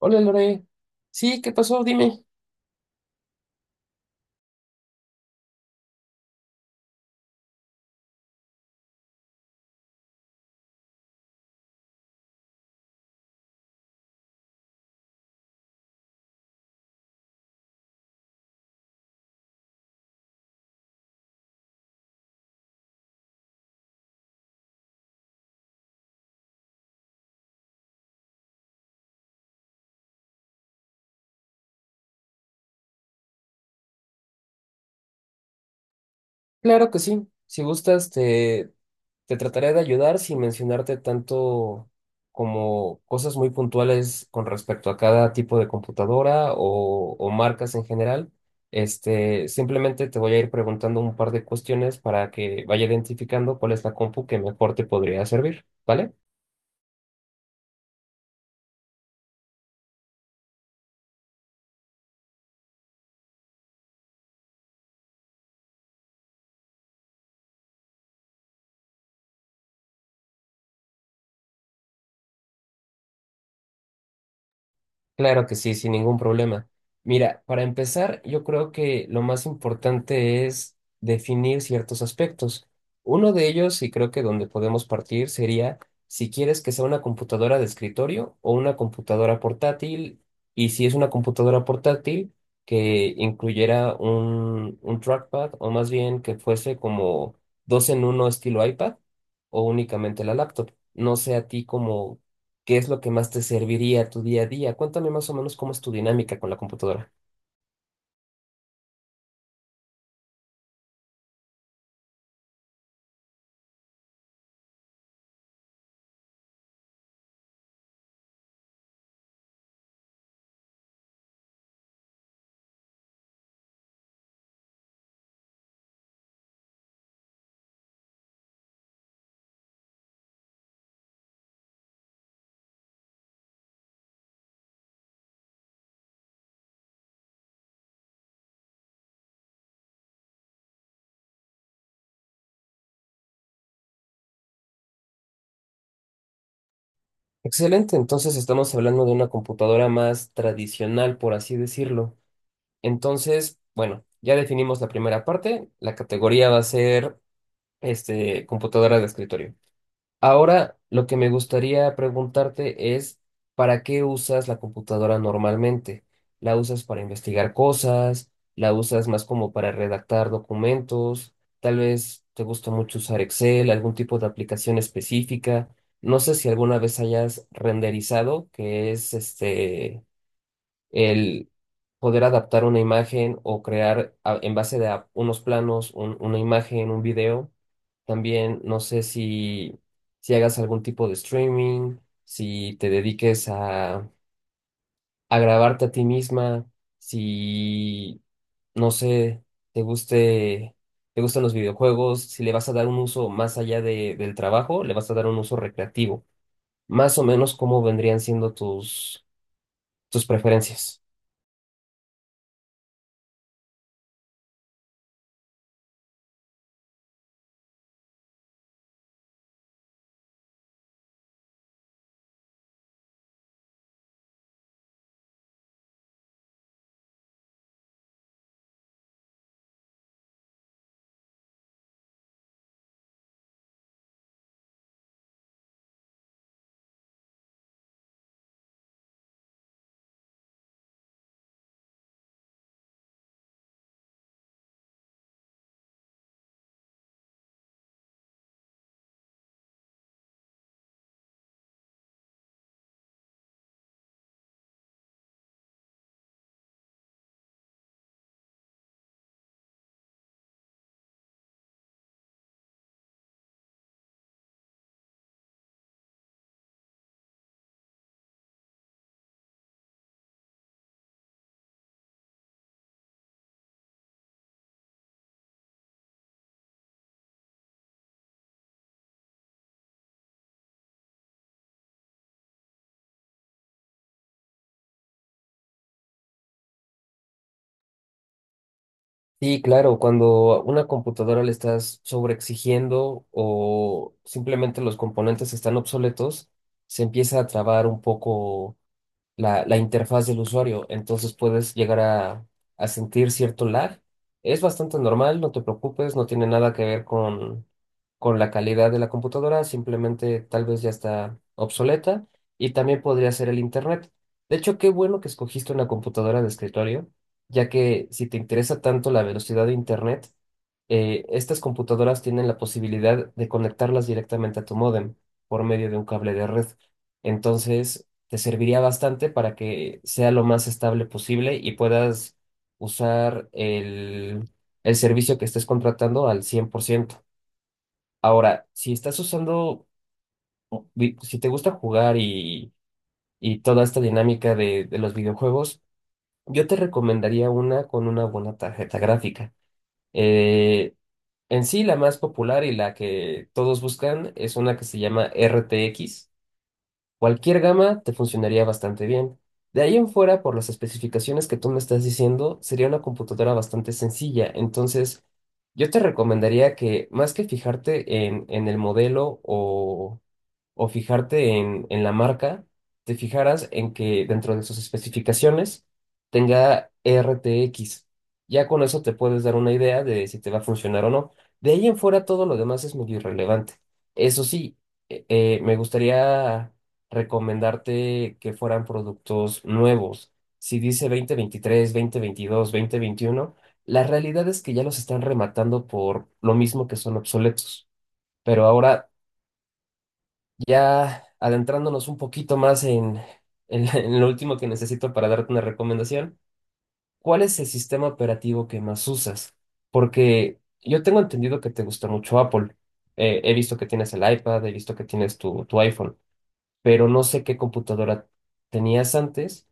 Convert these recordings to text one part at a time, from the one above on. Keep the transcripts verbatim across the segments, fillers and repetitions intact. Hola Lore. Sí, ¿qué pasó? Dime. Claro que sí. Si gustas, te, te trataré de ayudar sin mencionarte tanto como cosas muy puntuales con respecto a cada tipo de computadora o, o marcas en general. Este, simplemente te voy a ir preguntando un par de cuestiones para que vaya identificando cuál es la compu que mejor te podría servir, ¿vale? Claro que sí, sin ningún problema. Mira, para empezar, yo creo que lo más importante es definir ciertos aspectos. Uno de ellos, y creo que donde podemos partir, sería si quieres que sea una computadora de escritorio o una computadora portátil, y si es una computadora portátil, que incluyera un, un trackpad, o más bien que fuese como dos en uno estilo iPad, o únicamente la laptop. No sé a ti como qué es lo que más te serviría a tu día a día. Cuéntame más o menos cómo es tu dinámica con la computadora. Excelente, entonces estamos hablando de una computadora más tradicional, por así decirlo. Entonces, bueno, ya definimos la primera parte. La categoría va a ser este, computadora de escritorio. Ahora, lo que me gustaría preguntarte es, ¿para qué usas la computadora normalmente? ¿La usas para investigar cosas? ¿La usas más como para redactar documentos? Tal vez te gusta mucho usar Excel, algún tipo de aplicación específica. No sé si alguna vez hayas renderizado, que es este el poder adaptar una imagen o crear a- en base de a- unos planos un- una imagen, un video. También no sé si, si hagas algún tipo de streaming, si te dediques a, a grabarte a ti misma, si, no sé, te guste, te gustan los videojuegos, si le vas a dar un uso más allá de, del trabajo, le vas a dar un uso recreativo. Más o menos cómo vendrían siendo tus, tus preferencias. Sí, claro, cuando a una computadora le estás sobreexigiendo o simplemente los componentes están obsoletos, se empieza a trabar un poco la, la interfaz del usuario, entonces puedes llegar a, a sentir cierto lag. Es bastante normal, no te preocupes, no tiene nada que ver con, con la calidad de la computadora, simplemente tal vez ya está obsoleta y también podría ser el internet. De hecho, qué bueno que escogiste una computadora de escritorio, ya que si te interesa tanto la velocidad de internet, eh, estas computadoras tienen la posibilidad de conectarlas directamente a tu módem por medio de un cable de red. Entonces, te serviría bastante para que sea lo más estable posible y puedas usar el, el servicio que estés contratando al cien por ciento. Ahora, si estás usando, vi- si te gusta jugar y, y toda esta dinámica de, de los videojuegos, yo te recomendaría una con una buena tarjeta gráfica. Eh, en sí, la más popular y la que todos buscan es una que se llama R T X. Cualquier gama te funcionaría bastante bien. De ahí en fuera, por las especificaciones que tú me estás diciendo, sería una computadora bastante sencilla. Entonces, yo te recomendaría que más que fijarte en, en el modelo o o fijarte en, en la marca, te fijaras en que dentro de sus especificaciones tenga R T X. Ya con eso te puedes dar una idea de si te va a funcionar o no. De ahí en fuera todo lo demás es medio irrelevante. Eso sí, eh, eh, me gustaría recomendarte que fueran productos nuevos. Si dice dos mil veintitrés, dos mil veintidós, veintiuno, la realidad es que ya los están rematando por lo mismo que son obsoletos, pero ahora ya adentrándonos un poquito más en, en, la- en lo último que necesito para darte una recomendación, ¿cuál es el sistema operativo que más usas? Porque yo tengo entendido que te gusta mucho Apple. Eh, he visto que tienes el iPad, he visto que tienes tu, tu iPhone, pero no sé qué computadora tenías antes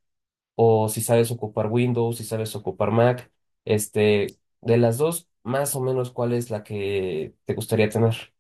o si sabes ocupar Windows, si sabes ocupar Mac. Este, de las dos, más o menos, ¿cuál es la que te gustaría tener?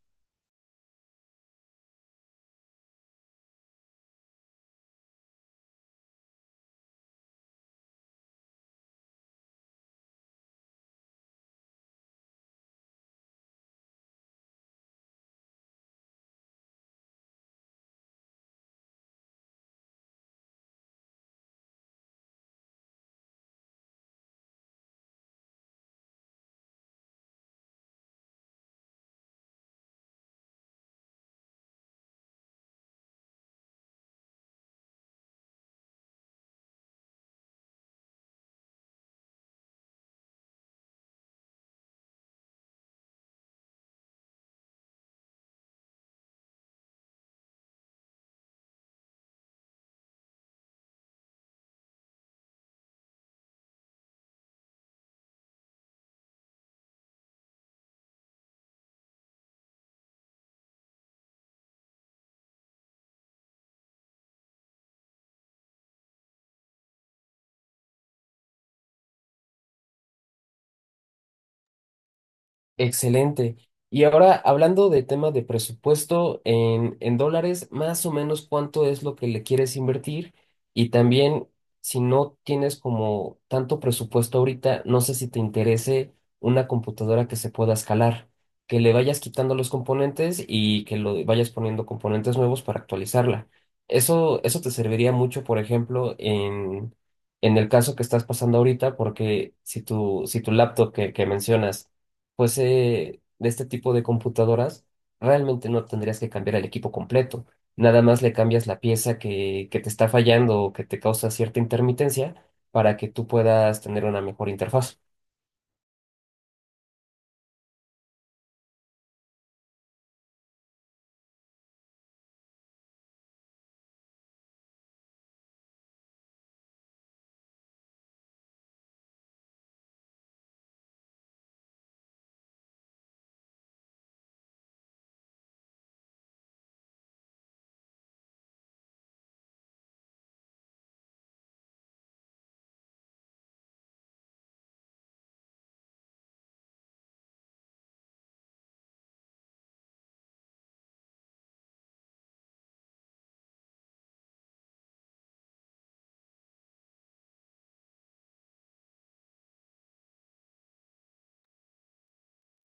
Excelente. Y ahora, hablando de tema de presupuesto en, en dólares, más o menos cuánto es lo que le quieres invertir. Y también, si no tienes como tanto presupuesto ahorita, no sé si te interese una computadora que se pueda escalar, que le vayas quitando los componentes y que lo vayas poniendo componentes nuevos para actualizarla. Eso, eso te serviría mucho, por ejemplo, en, en el caso que estás pasando ahorita, porque si tu, si tu laptop que que mencionas fuese de este tipo de computadoras, realmente no tendrías que cambiar el equipo completo. Nada más le cambias la pieza que, que te está fallando o que te causa cierta intermitencia para que tú puedas tener una mejor interfaz.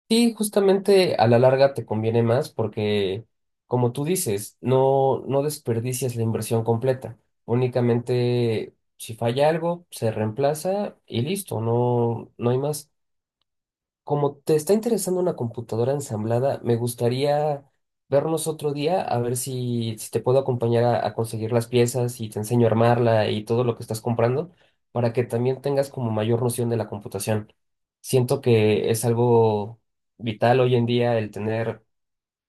Sí, justamente a la larga te conviene más porque, como tú dices, no, no desperdicias la inversión completa. Únicamente si falla algo, se reemplaza y listo, no, no hay más. Como te está interesando una computadora ensamblada, me gustaría vernos otro día a ver si, si te puedo acompañar a, a conseguir las piezas y te enseño a armarla y todo lo que estás comprando para que también tengas como mayor noción de la computación. Siento que es algo vital hoy en día el tener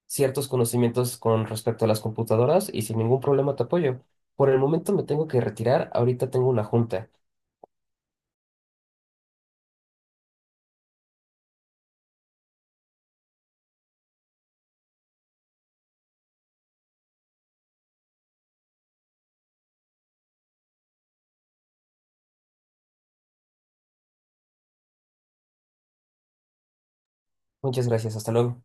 ciertos conocimientos con respecto a las computadoras y sin ningún problema te apoyo. Por el momento me tengo que retirar, ahorita tengo una junta. Muchas gracias, hasta luego.